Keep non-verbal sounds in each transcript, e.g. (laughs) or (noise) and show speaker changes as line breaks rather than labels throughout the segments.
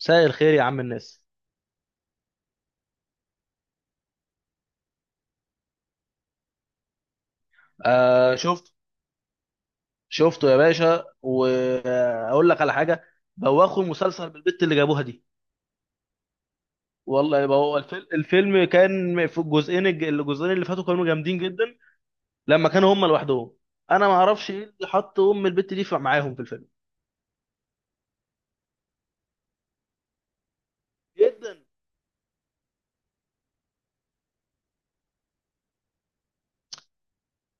مساء الخير يا عم الناس. آه، شفت. شفته يا باشا واقول لك على حاجه. بوخوا المسلسل بالبت اللي جابوها دي. والله يبقى هو الفيلم كان في الجزئين اللي فاتوا كانوا جامدين جدا. لما كانوا هم لوحدهم. انا ما اعرفش ايه اللي حط ام البت دي معاهم في الفيلم. جدا.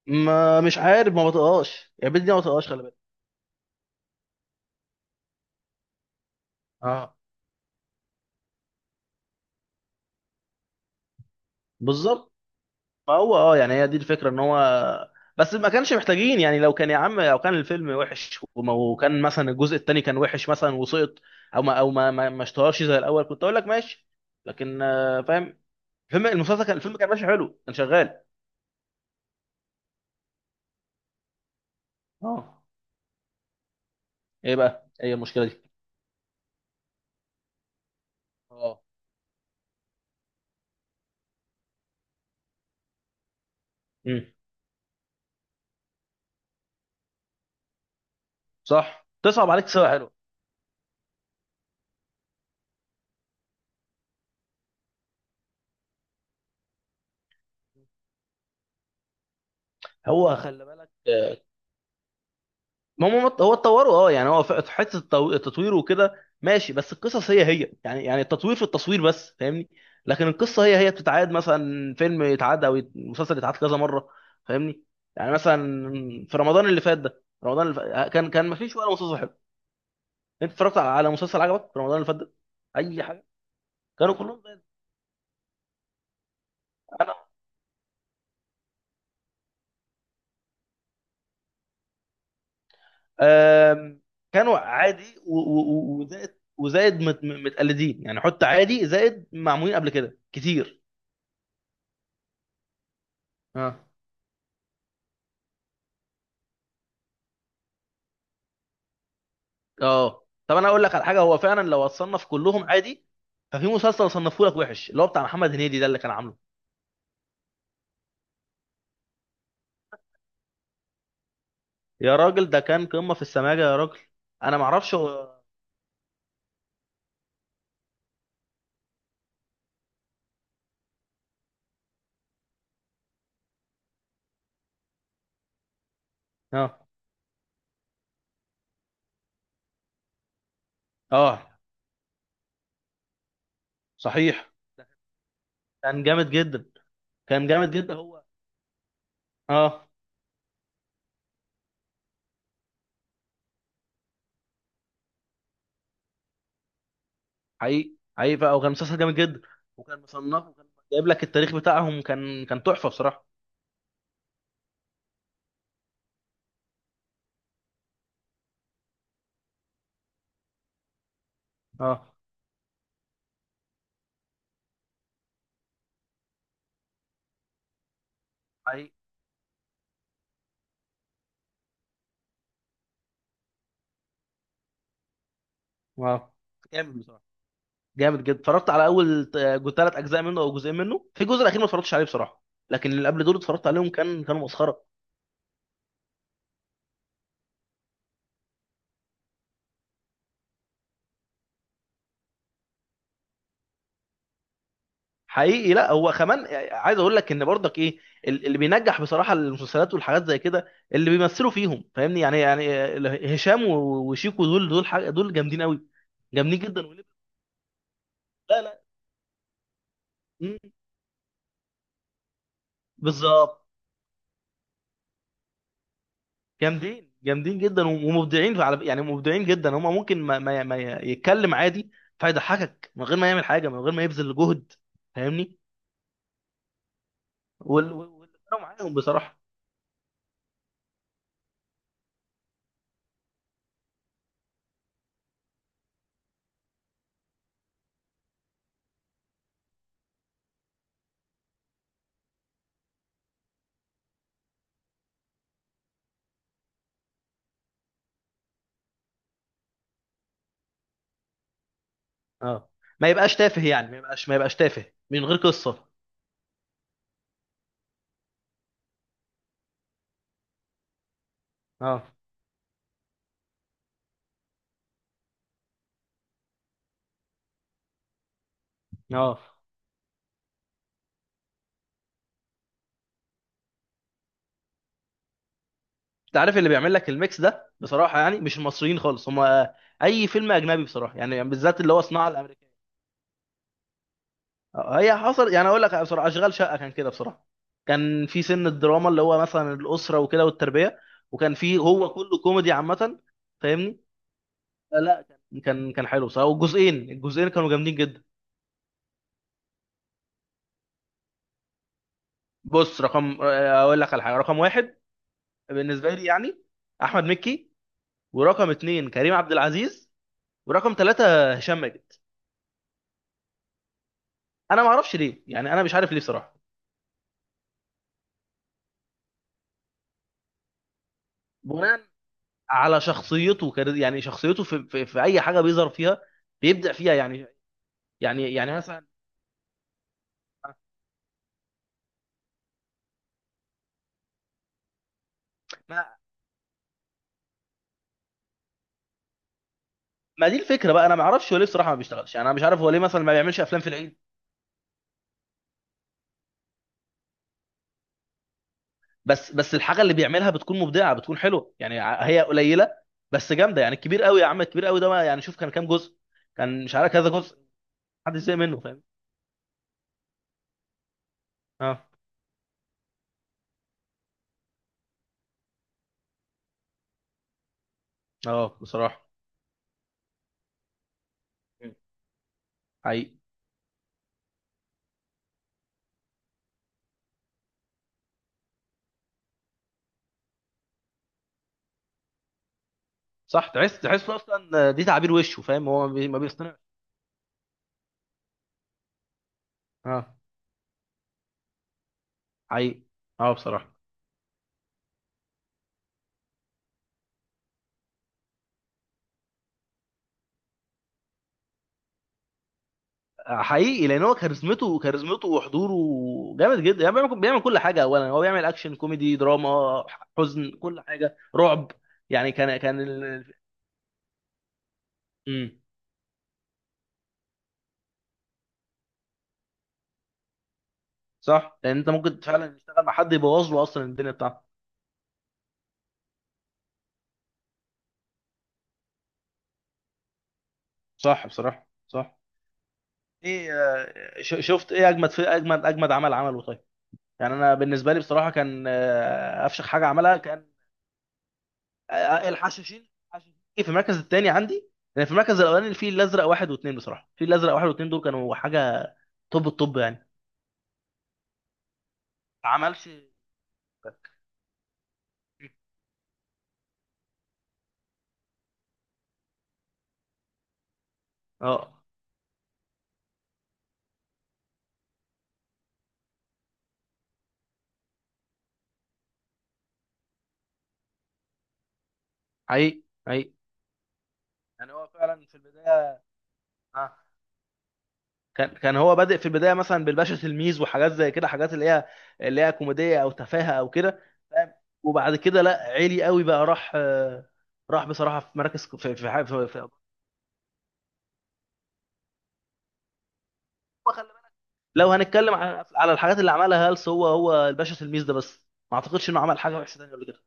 ما مش عارف ما بطقهاش، يعني البت دي ما بطقهاش. خلي بالك. اه، بالظبط. ما هو، يعني هي دي الفكره ان هو. بس ما كانش محتاجين، يعني لو كان يا عم، لو كان الفيلم وحش وكان مثلا الجزء الثاني كان وحش مثلا وسقط، او ما اشتهرش زي الاول، كنت اقول لك ماشي. لكن، فاهم. الفيلم المسلسل كان، الفيلم كان ماشي حلو، كان شغال. اه، ايه بقى؟ ايه المشكله دي؟ اه. امم صح تصعب عليك سوا حلو. هو خلي بالك، ما هم، هو اتطوروا، يعني هو في حته التطوير وكده. ماشي بس القصص هي هي، يعني التطوير في التصوير بس، فاهمني. لكن القصه هي هي بتتعاد، مثلا فيلم يتعاد او مسلسل يتعاد كذا مره. فاهمني. يعني مثلا في رمضان اللي فات ده، رمضان اللي فات كان ما فيش ولا مسلسل حلو. انت اتفرجت على مسلسل عجبك في رمضان اللي فات ده؟ اي حاجه؟ كانوا كلهم زي. انا آم، كانوا عادي وزائد. وزائد متقلدين، يعني حط عادي زائد معمولين قبل كده كتير. اه، اه، طب انا اقول لك على حاجه. هو فعلا لو اتصنف كلهم عادي، ففي مسلسل صنفه لك وحش اللي هو بتاع محمد هنيدي ده اللي كان عامله. يا راجل، ده كان قمه في السماجه يا راجل. انا ما اعرفش هو. اه، اه، صحيح. كان جامد جدا. كان جامد جدا هو. اه، حقيقي، حقيقي بقى، وكان مسلسل جامد جدا، وكان مصنف، وكان جايب لك التاريخ بتاعهم، كان تحفه بصراحه. اه، حقيقي. اه، جامد بصراحه، جامد جدا. اتفرجت على اول ثلاث اجزاء منه او جزئين منه، في الجزء الاخير ما اتفرجتش عليه بصراحه، لكن اللي قبل دول اتفرجت عليهم، كانوا مسخره. حقيقي. لا، هو كمان عايز اقول لك ان برضك ايه، اللي بينجح بصراحه المسلسلات والحاجات زي كده اللي بيمثلوا فيهم، فاهمني. يعني هشام وشيكو، دول حاجة، دول جامدين قوي. جامدين جدا لا، لا. مم. بالظبط. جامدين، جامدين جدا، ومبدعين على، يعني مبدعين جدا. هم ممكن ما يتكلم عادي، فيضحكك من غير ما يعمل حاجه، من غير ما يبذل جهد، فاهمني. واللي معاهم بصراحه. اه، ما يبقاش تافه، يعني ما يبقاش تافه من غير قصه. اه، اه، انت عارف اللي بيعمل لك الميكس ده بصراحه يعني مش المصريين خالص هم. اي فيلم اجنبي بصراحه، يعني بالذات اللي هو صناعه الامريكيه. هي حصل، يعني اقول لك بصراحه، اشغال شقه كان كده بصراحه. كان في سن الدراما اللي هو مثلا الاسره وكده والتربيه، وكان في هو كله كوميدي عامه. فاهمني. لا، لا، كان حلو بصراحه، والجزئين الجزئين كانوا جامدين جدا. بص رقم اقول لك على حاجه. رقم واحد بالنسبه لي يعني احمد مكي، ورقم اتنين كريم عبد العزيز، ورقم ثلاثه هشام ماجد. انا ما اعرفش ليه يعني، انا مش عارف ليه بصراحه. بناء على شخصيته، يعني شخصيته في اي حاجه بيظهر فيها بيبدع فيها، يعني. يعني مثلا، ما ما دي الفكره بقى. انا ما اعرفش هو ليه بصراحه ما بيشتغلش، يعني انا مش عارف هو ليه مثلا ما بيعملش افلام في العيد. بس الحاجه اللي بيعملها بتكون مبدعه، بتكون حلوه يعني. هي قليله بس جامده. يعني الكبير قوي يا عم، الكبير قوي ده، ما يعني شوف كان كام جزء. كان مش عارف كذا جزء، محدش زهق منه، فاهم. اه، اه بصراحه، حقيقي. صح، تحس اصلا دي تعابير وشه فاهم، هو ما بيصطنعش. اه، حقيقي. اه، بصراحه، حقيقي، لان هو كاريزمته وحضوره جامد جدا. يعني بيعمل كل حاجه، اولا هو بيعمل اكشن، كوميدي، دراما، حزن، كل حاجه، رعب. يعني كان امم صح، لان انت ممكن فعلا تشتغل مع حد يبوظ له اصلا الدنيا بتاعته. صح بصراحه، صح. ايه؟ شفت ايه اجمد؟ في اجمد عمل عمله طيب؟ يعني انا بالنسبه لي بصراحه، كان افشخ حاجه عملها، كان آه، الحشاشين الحشاشين في المركز الثاني عندي، لان في المركز الاولاني الفيل الازرق واحد واثنين. بصراحه الفيل الازرق واحد واثنين دول كانوا حاجه. طب يعني ما عملش. اه، حقيقي، حقيقي. يعني هو فعلا في البدايه، آه. كان هو بادئ في البدايه مثلا بالباشا تلميذ وحاجات زي كده، حاجات اللي هي كوميديه او تفاهه او كده، فاهم. وبعد كده لا، عالي قوي بقى، راح بصراحه في مراكز في في في, في, في. لو هنتكلم على الحاجات اللي عملها هلس، هو الباشا تلميذ ده بس. ما اعتقدش انه عمل حاجه وحشه تانيه قبل كده.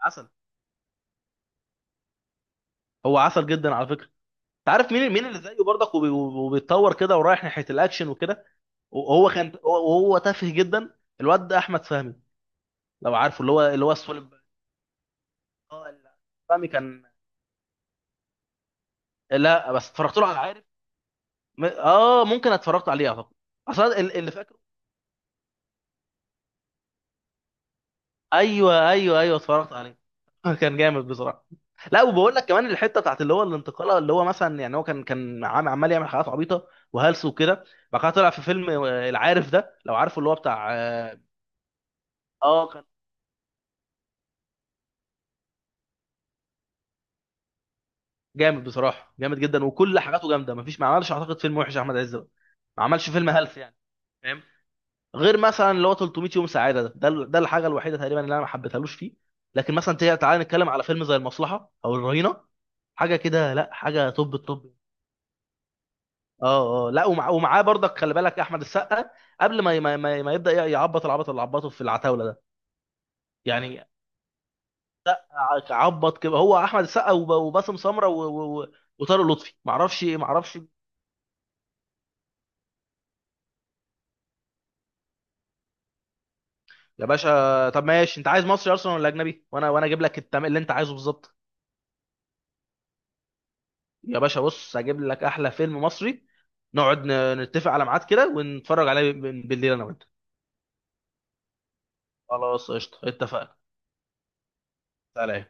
عسل، هو عسل جدا على فكره. انت عارف مين اللي زيه برضك وبيتطور كده ورايح ناحيه الاكشن وكده؟ وهو تافه جدا، الواد ده احمد فهمي. لو عارفه اللي هو السولب. اه، فهمي كان. لا بس اتفرجت له على، عارف، ممكن اتفرجت عليه اعتقد، اصلا اللي فاكر. ايوه، ايوه، ايوه، اتفرجت عليه. (laughs) كان جامد بصراحه. لا، وبقول لك كمان الحته بتاعت اللي هو الانتقاله، اللي هو مثلا يعني هو كان عمال يعمل حاجات عبيطه وهلس وكده. بعد كده طلع في فيلم العارف ده، لو عارفه اللي هو بتاع اه. كان جامد بصراحه، جامد جدا، وكل حاجاته جامده، مفيش، ما عملش اعتقد فيلم وحش احمد عز ده. ما عملش فيلم هلس يعني، فاهم، غير مثلا اللي هو 300 يوم سعاده ده الحاجه الوحيده تقريبا اللي انا ما حبيتهالوش فيه. لكن مثلا تعالى نتكلم على فيلم زي المصلحه او الرهينه، حاجه كده، لا حاجه توب التوب. اه، اه، لا، ومع، ومعاه برضك خلي بالك احمد السقا قبل ما يبدا يعبط العبط اللي عبطه في العتاوله ده. يعني عبط كده هو احمد السقا، وباسم سمره، وطارق لطفي، معرفش، معرفش. يا باشا، طب ماشي، انت عايز مصري اصلا ولا اجنبي؟ وانا اجيب لك اللي انت عايزه بالظبط. يا باشا، بص هجيب لك احلى فيلم مصري، نقعد نتفق على ميعاد كده، ونتفرج عليه بالليل انا وانت. خلاص قشطه، اتفقنا. سلام.